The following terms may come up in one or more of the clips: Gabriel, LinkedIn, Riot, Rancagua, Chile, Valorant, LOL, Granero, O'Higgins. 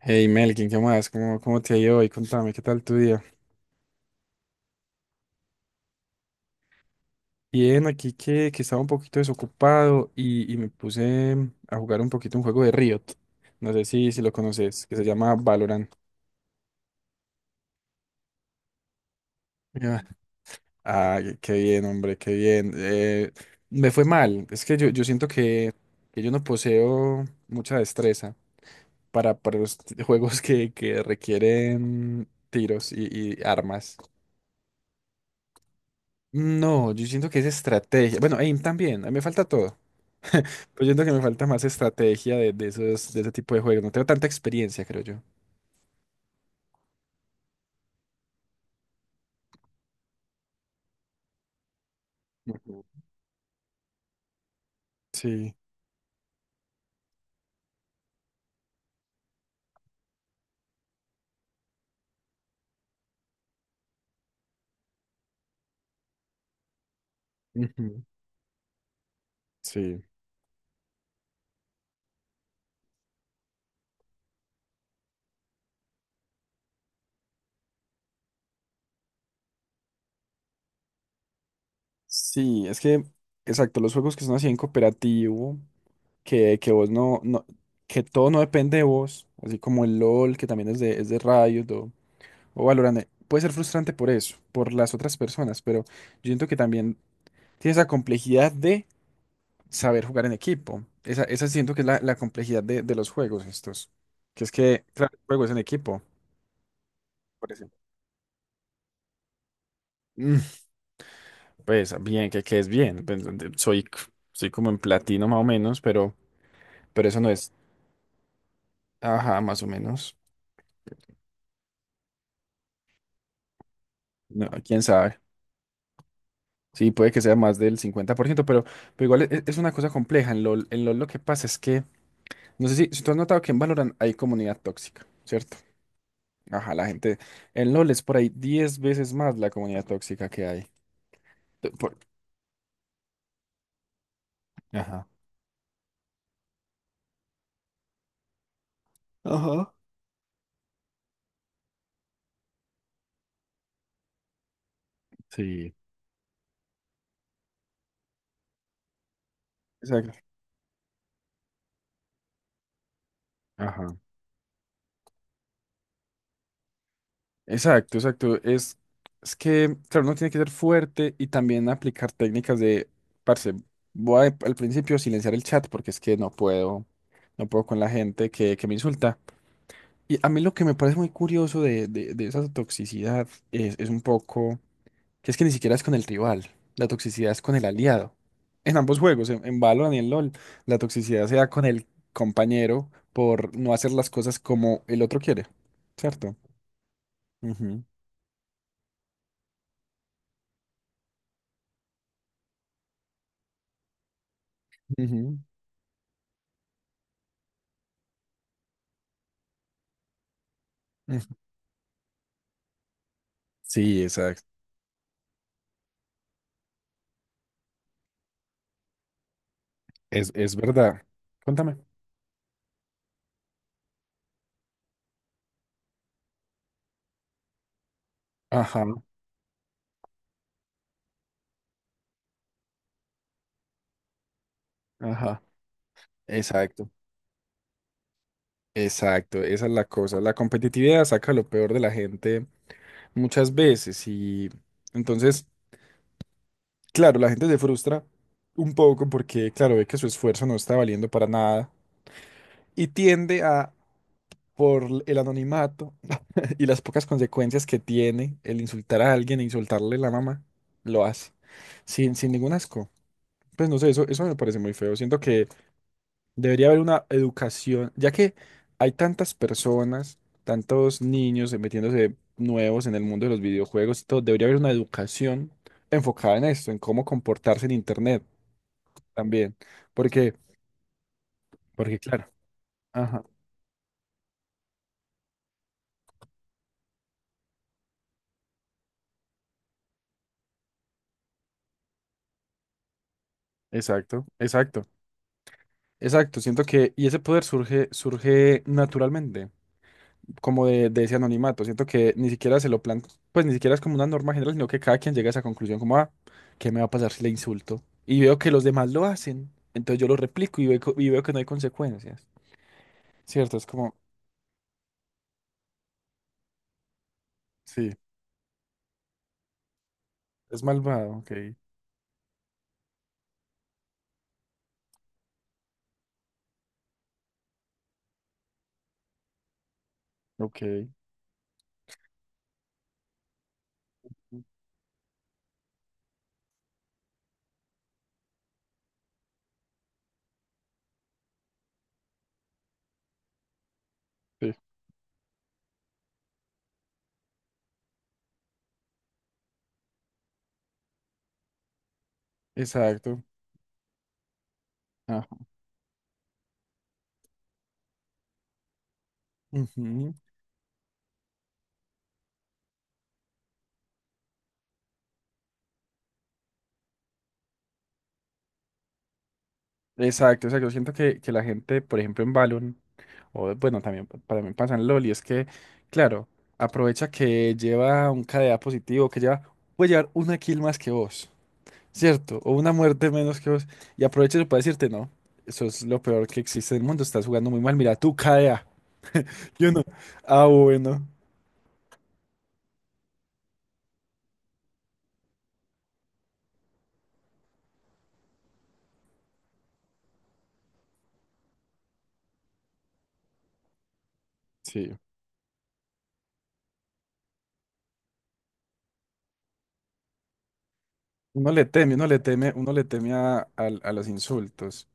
Hey Melkin, ¿qué más? ¿Cómo te ha ido hoy? Contame, ¿qué tal tu día? Bien, aquí que estaba un poquito desocupado y me puse a jugar un poquito un juego de Riot. No sé si lo conoces, que se llama Valorant. Ya. Ah, qué bien, hombre, qué bien. Me fue mal. Es que yo siento que yo no poseo mucha destreza para los juegos que requieren tiros y armas. No, yo siento que es estrategia. Bueno, aim también, a mí me falta todo. Pues yo siento que me falta más estrategia de, esos, de ese tipo de juegos. No tengo tanta experiencia, creo yo. Ujú. Sí. Ujú. Sí. Sí, es que, exacto, los juegos que son así en cooperativo, que vos no, que todo no depende de vos, así como el LOL, que también es de Riot o Valorant, puede ser frustrante por eso, por las otras personas, pero yo siento que también tiene esa complejidad de saber jugar en equipo. Esa siento que es la complejidad de los juegos estos. Que es que, claro, el juego es en equipo. Por ejemplo. Mm, Pues bien, que es bien. Pues, soy, soy como en platino más o menos, pero eso no es. Ajá, más o menos. No, quién sabe. Sí, puede que sea más del 50% pero igual es, una cosa compleja. En LOL lo que pasa es que, no sé si tú has notado que en Valorant hay comunidad tóxica, ¿cierto? Ajá, la gente. En LOL es por ahí 10 veces más la comunidad tóxica que hay. Por- Ajá. Ajá, sí, exacto. Ajá. Exacto, exacto. Es que, claro, uno tiene que ser fuerte y también aplicar técnicas de, parce, al principio silenciar el chat porque es que no puedo con la gente que me insulta. Y a mí lo que me parece muy curioso de esa toxicidad es un poco, que es que ni siquiera es con el rival, la toxicidad es con el aliado. En ambos juegos, en Valorant y en LoL, la toxicidad se da con el compañero por no hacer las cosas como el otro quiere, ¿cierto? Ujú, ujú, ujú. Sí, exacto. Es verdad. Cuéntame. Ajá, ajá. Exacto, exacto. Esa es la cosa. La competitividad saca lo peor de la gente muchas veces y entonces, claro, la gente se frustra un poco porque, claro, ve que su esfuerzo no está valiendo para nada y tiende a, por el anonimato y las pocas consecuencias que tiene el insultar a alguien e insultarle la mamá, lo hace, sin ningún asco. Pues no sé, eso me parece muy feo. Siento que debería haber una educación, ya que hay tantas personas, tantos niños metiéndose nuevos en el mundo de los videojuegos y todo, debería haber una educación enfocada en esto, en cómo comportarse en internet también. Porque, porque claro, ajá, exacto, exacto. Exacto, siento que, y ese poder surge, surge naturalmente, como de ese anonimato. Siento que ni siquiera se lo plantea, pues ni siquiera es como una norma general, sino que cada quien llega a esa conclusión como, ah, ¿qué me va a pasar si le insulto? Y veo que los demás lo hacen, entonces yo lo replico y veo que no hay consecuencias. Cierto, es como, sí, es malvado, ok, ok, sí, exacto. Ajá, ujú. Exacto, exacto. Siento que la gente, por ejemplo, en Valorant, o bueno, también para mí pasa en LOL y es que, claro, aprovecha que lleva un KDA positivo, puede llevar una kill más que vos, ¿cierto? O una muerte menos que vos. Y aprovecha eso para decirte, no, eso es lo peor que existe en el mundo, estás jugando muy mal, mira tu KDA. Y uno, ah, bueno. Sí. Uno le teme, uno le teme, uno le teme a los insultos.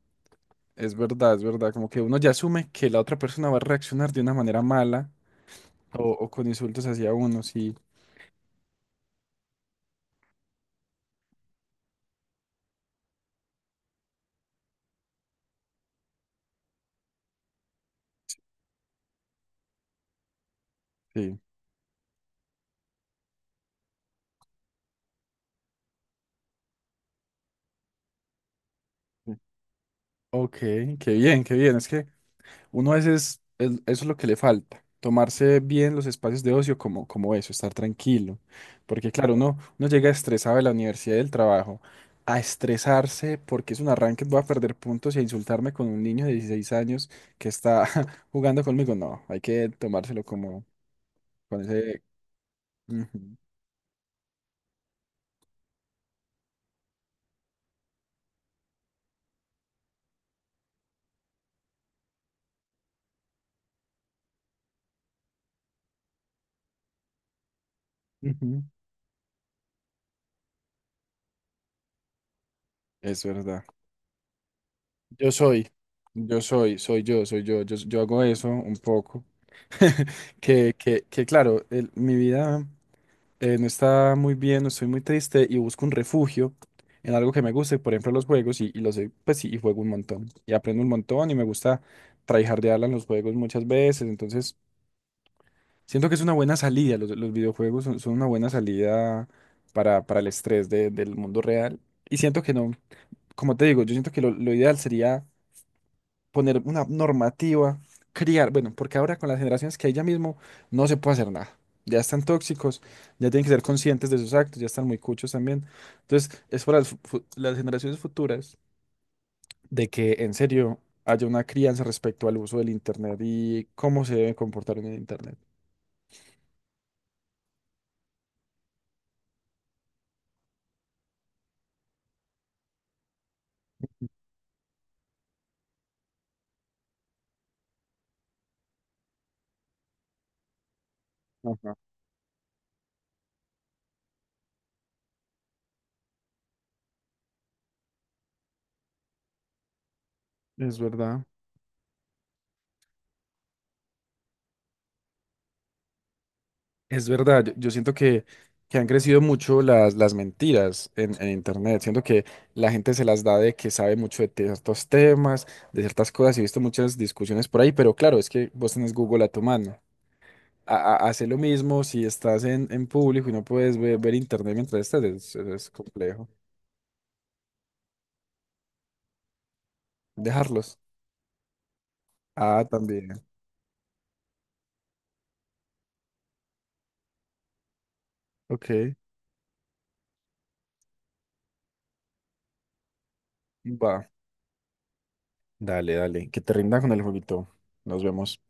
Es verdad, es verdad. Como que uno ya asume que la otra persona va a reaccionar de una manera mala o con insultos hacia uno, sí, sí. Ok, qué bien, qué bien. Es que uno a veces eso es lo que le falta, tomarse bien los espacios de ocio como eso, estar tranquilo. Porque claro, uno llega estresado de la universidad y del trabajo a estresarse porque es un arranque, voy a perder puntos y a insultarme con un niño de 16 años que está jugando conmigo. No, hay que tomárselo como con ese, ujú, ujú. Es verdad. Yo soy yo, soy yo, Yo hago eso un poco. Que claro, mi vida, no está muy bien, no estoy muy triste y busco un refugio en algo que me guste, por ejemplo, los juegos y pues sí, y juego un montón y aprendo un montón y me gusta tryhardearla en los juegos muchas veces, entonces siento que es una buena salida, los videojuegos son una buena salida para el estrés del mundo real y siento que no, como te digo, yo siento que lo ideal sería poner una normativa, criar, bueno, porque ahora con las generaciones que hay ya mismo no se puede hacer nada. Ya están tóxicos, ya tienen que ser conscientes de sus actos, ya están muy cuchos también. Entonces, es para las, las generaciones futuras de que en serio haya una crianza respecto al uso del Internet y cómo se debe comportar en el Internet. Ajá. Es verdad. Es verdad, yo siento que han crecido mucho las mentiras en Internet. Siento que la gente se las da de que sabe mucho de ciertos temas, de ciertas cosas. He visto muchas discusiones por ahí, pero claro, es que vos tenés Google a tu mano. Hace lo mismo si estás en público y no puedes ver Internet mientras estás, es complejo. Dejarlos. Ah, también. Ok, va. Dale, dale. Que te rinda con el jueguito. Nos vemos.